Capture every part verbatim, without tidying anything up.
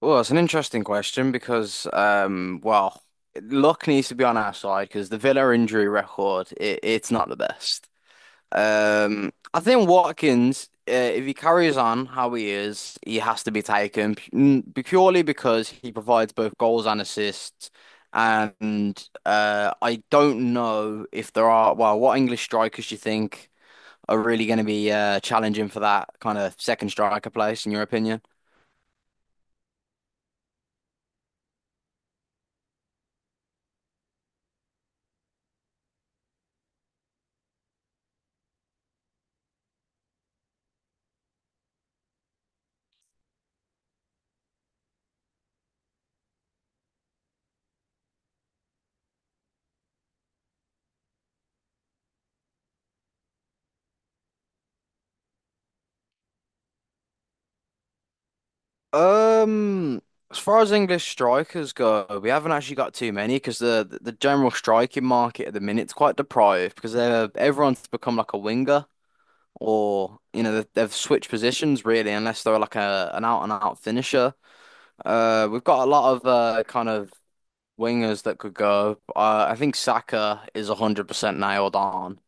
Well, it's an interesting question because, um, well, luck needs to be on our side because the Villa injury record, it, it's not the best. Um, I think Watkins, uh, if he carries on how he is, he has to be taken p- n- purely because he provides both goals and assists. And uh, I don't know if there are, well, what English strikers do you think are really going to be uh, challenging for that kind of second striker place, in your opinion? Um, as far as English strikers go, we haven't actually got too many because the the general striking market at the minute's quite deprived because they're everyone's become like a winger or you know they've, they've switched positions really unless they're like a an out and out finisher. Uh, we've got a lot of uh kind of wingers that could go. Uh, I think Saka is one hundred percent nailed on.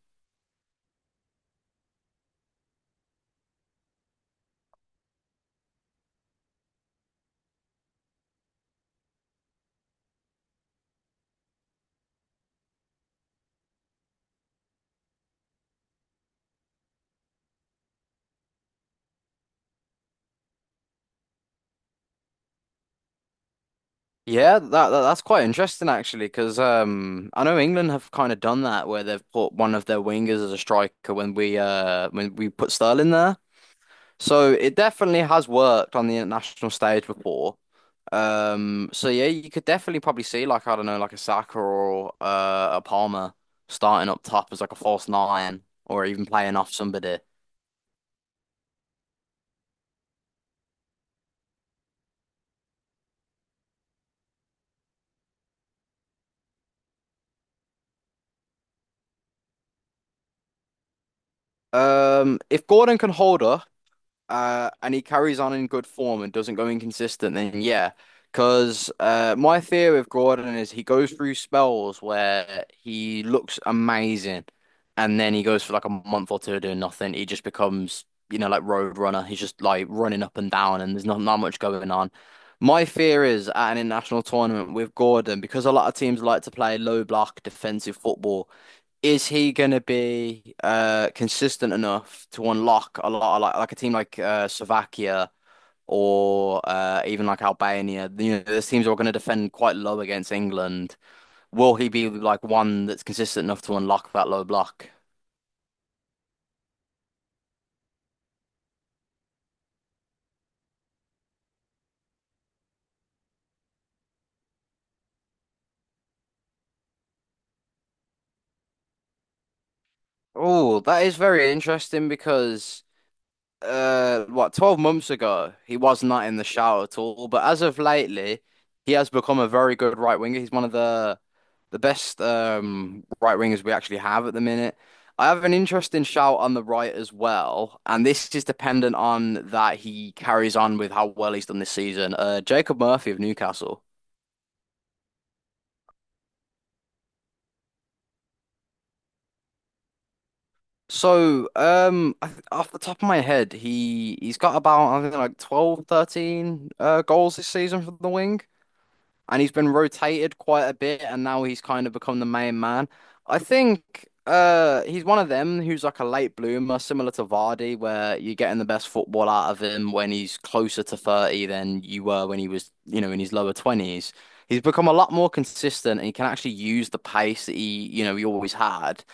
Yeah, that, that that's quite interesting actually, because um, I know England have kind of done that where they've put one of their wingers as a striker when we uh when we put Sterling there. So it definitely has worked on the international stage before. Um, so yeah, you could definitely probably see like I don't know, like a Saka or uh, a Palmer starting up top as like a false nine or even playing off somebody. Um, if Gordon can hold up uh, and he carries on in good form and doesn't go inconsistent, then yeah. Because uh, my fear with Gordon is he goes through spells where he looks amazing, and then he goes for like a month or two doing nothing. He just becomes, you know, like road runner. He's just like running up and down, and there's not not much going on. My fear is at an international tournament with Gordon, because a lot of teams like to play low block defensive football, is he going to be uh, consistent enough to unlock a lot of like, like a team like uh, Slovakia or uh, even like Albania? You know, those teams are going to defend quite low against England. Will he be like one that's consistent enough to unlock that low block? Oh, that is very interesting because uh what twelve months ago he was not in the shout at all, but as of lately he has become a very good right winger. He's one of the the best um right wingers we actually have at the minute. I have an interesting shout on the right as well, and this is dependent on that he carries on with how well he's done this season. uh Jacob Murphy of Newcastle. So um I th off the top of my head, he he's got about I think like twelve, thirteen uh goals this season for the, and he's been rotated quite a bit, and now he's kind of become the main man. I think uh, he's one of them who's like a late bloomer, similar to Vardy, where you're getting the best football out of him when he's closer to thirty than you were when he was, you know, in his lower twenties. He's become a lot more consistent and he can actually use the pace that he, you know, he always had.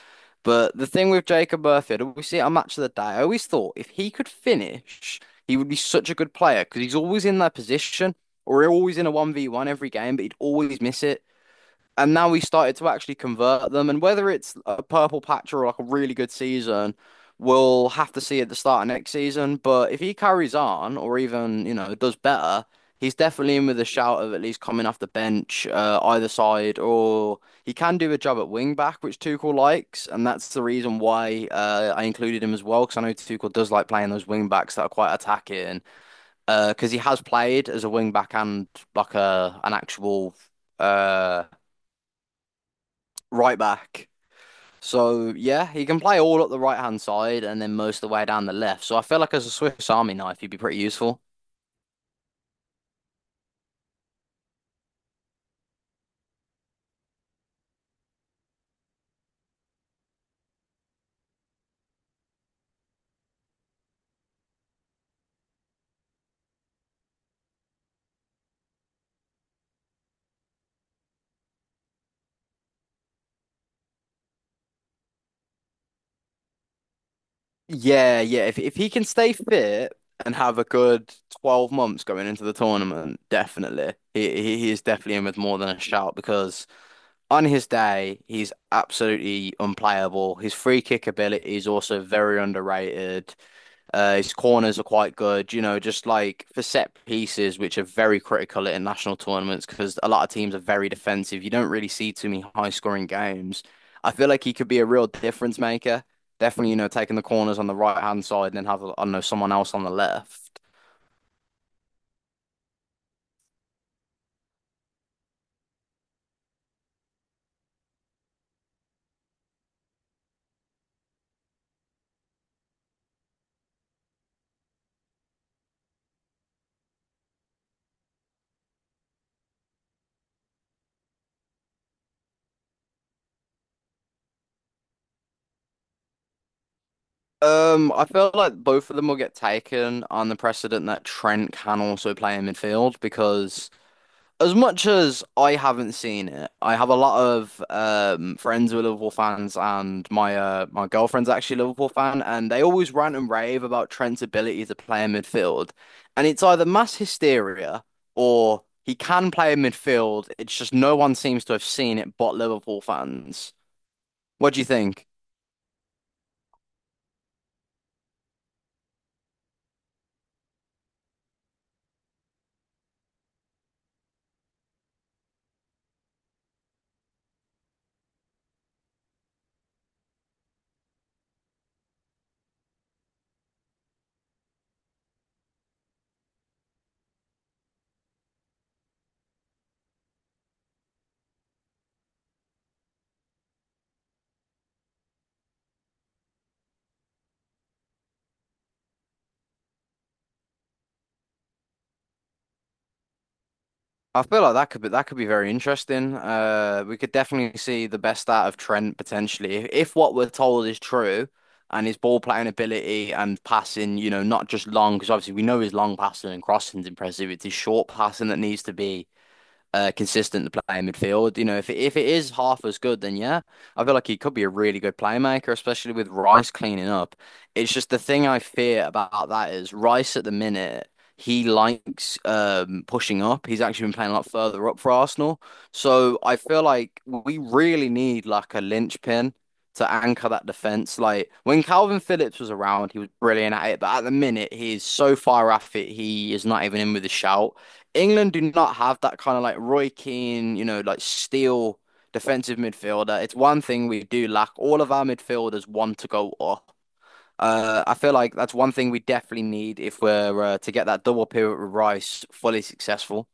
But the thing with Jacob Murphy, we see it on Match of the Day. I always thought if he could finish, he would be such a good player because he's always in that position or always in a one v one every game, but he'd always miss it. And now we started to actually convert them. And whether it's a purple patch or like a really good season, we'll have to see at the start of next season. But if he carries on or even, you know, does better, he's definitely in with a shout of at least coming off the bench, uh, either side, or he can do a job at wing back, which Tuchel likes. And that's the reason why uh, I included him as well, because I know Tuchel does like playing those wing backs that are quite attacking. Uh, because he has played as a wing back and like a an actual uh right back. So yeah, he can play all up the right hand side and then most of the way down the left. So I feel like as a Swiss Army knife, he'd be pretty useful. Yeah, yeah. If if he can stay fit and have a good twelve months going into the tournament, definitely. He he he is definitely in with more than a shout because on his day, he's absolutely unplayable. His free kick ability is also very underrated. Uh, his corners are quite good, you know, just like for set pieces, which are very critical at international tournaments because a lot of teams are very defensive. You don't really see too many high scoring games. I feel like he could be a real difference maker. Definitely, you know, taking the corners on the right hand side and then have, I don't know, someone else on the left. Um, I feel like both of them will get taken on the precedent that Trent can also play in midfield, because as much as I haven't seen it, I have a lot of um, friends who are Liverpool fans, and my uh, my girlfriend's actually a Liverpool fan, and they always rant and rave about Trent's ability to play in midfield. And it's either mass hysteria or he can play in midfield. It's just no one seems to have seen it but Liverpool fans. What do you think? I feel like that could be that could be very interesting. Uh, we could definitely see the best out of Trent potentially if, if what we're told is true, and his ball playing ability and passing, you know, not just long because obviously we know his long passing and crossing's impressive. It's his short passing that needs to be uh, consistent to play in midfield. You know, if if it is half as good, then yeah, I feel like he could be a really good playmaker, especially with Rice cleaning up. It's just the thing I fear about that is Rice at the minute. He likes um, pushing up. He's actually been playing a lot further up for Arsenal. So I feel like we really need like a linchpin to anchor that defense. Like when Calvin Phillips was around, he was brilliant at it, but at the minute he is so far off it, he is not even in with a shout. England do not have that kind of like Roy Keane, you know, like steel defensive midfielder. It's one thing we do lack. All of our midfielders want to go up. Uh, I feel like that's one thing we definitely need if we're uh, to get that double pivot with Rice fully successful.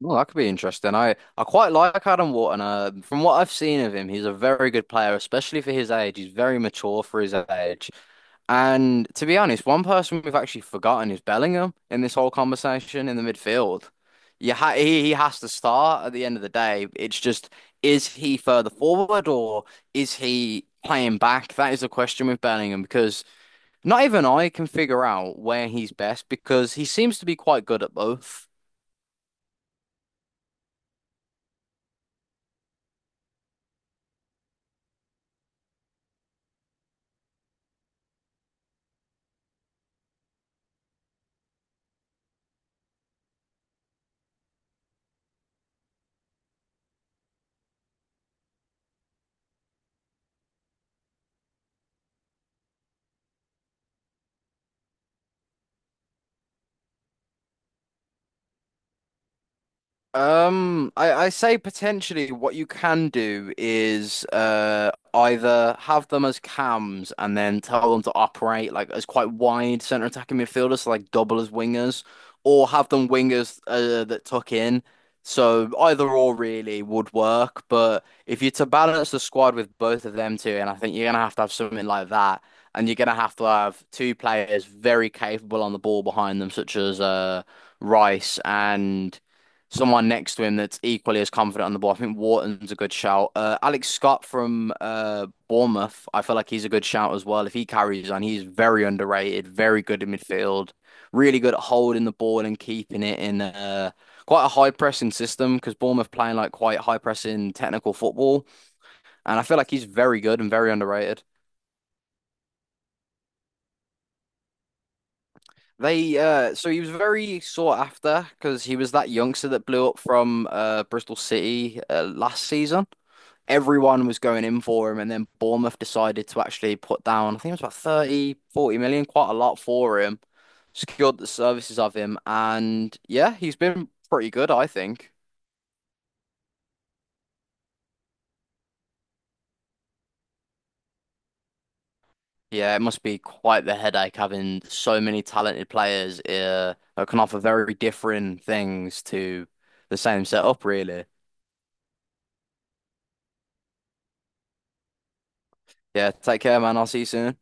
Well, that could be interesting. I, I quite like Adam Wharton. Uh, from what I've seen of him, he's a very good player, especially for his age. He's very mature for his age. And to be honest, one person we've actually forgotten is Bellingham in this whole conversation in the midfield. You ha he, he has to start at the end of the day. It's just, is he further forward or is he playing back? That is the question with Bellingham because not even I can figure out where he's best because he seems to be quite good at both. Um, I, I say potentially what you can do is uh either have them as cams and then tell them to operate like as quite wide centre attacking midfielders, so like double as wingers, or have them wingers uh, that tuck in. So either or really would work, but if you're to balance the squad with both of them two, and I think you're gonna have to have something like that, and you're gonna have to have two players very capable on the ball behind them, such as uh. Rice and someone next to him that's equally as confident on the ball. I think Wharton's a good shout. Uh, Alex Scott from uh, Bournemouth, I feel like he's a good shout as well. If he carries on, he's very underrated, very good in midfield, really good at holding the ball and keeping it in uh, quite a high pressing system because Bournemouth playing like quite high pressing technical football. And I feel like he's very good and very underrated. They uh so he was very sought after because he was that youngster that blew up from uh Bristol City uh, last season. Everyone was going in for him and then Bournemouth decided to actually put down I think it was about thirty, forty million, quite a lot for him. Secured the services of him and yeah, he's been pretty good, I think. Yeah, it must be quite the headache having so many talented players uh, that can offer very different things to the same setup, really. Yeah, take care, man. I'll see you soon.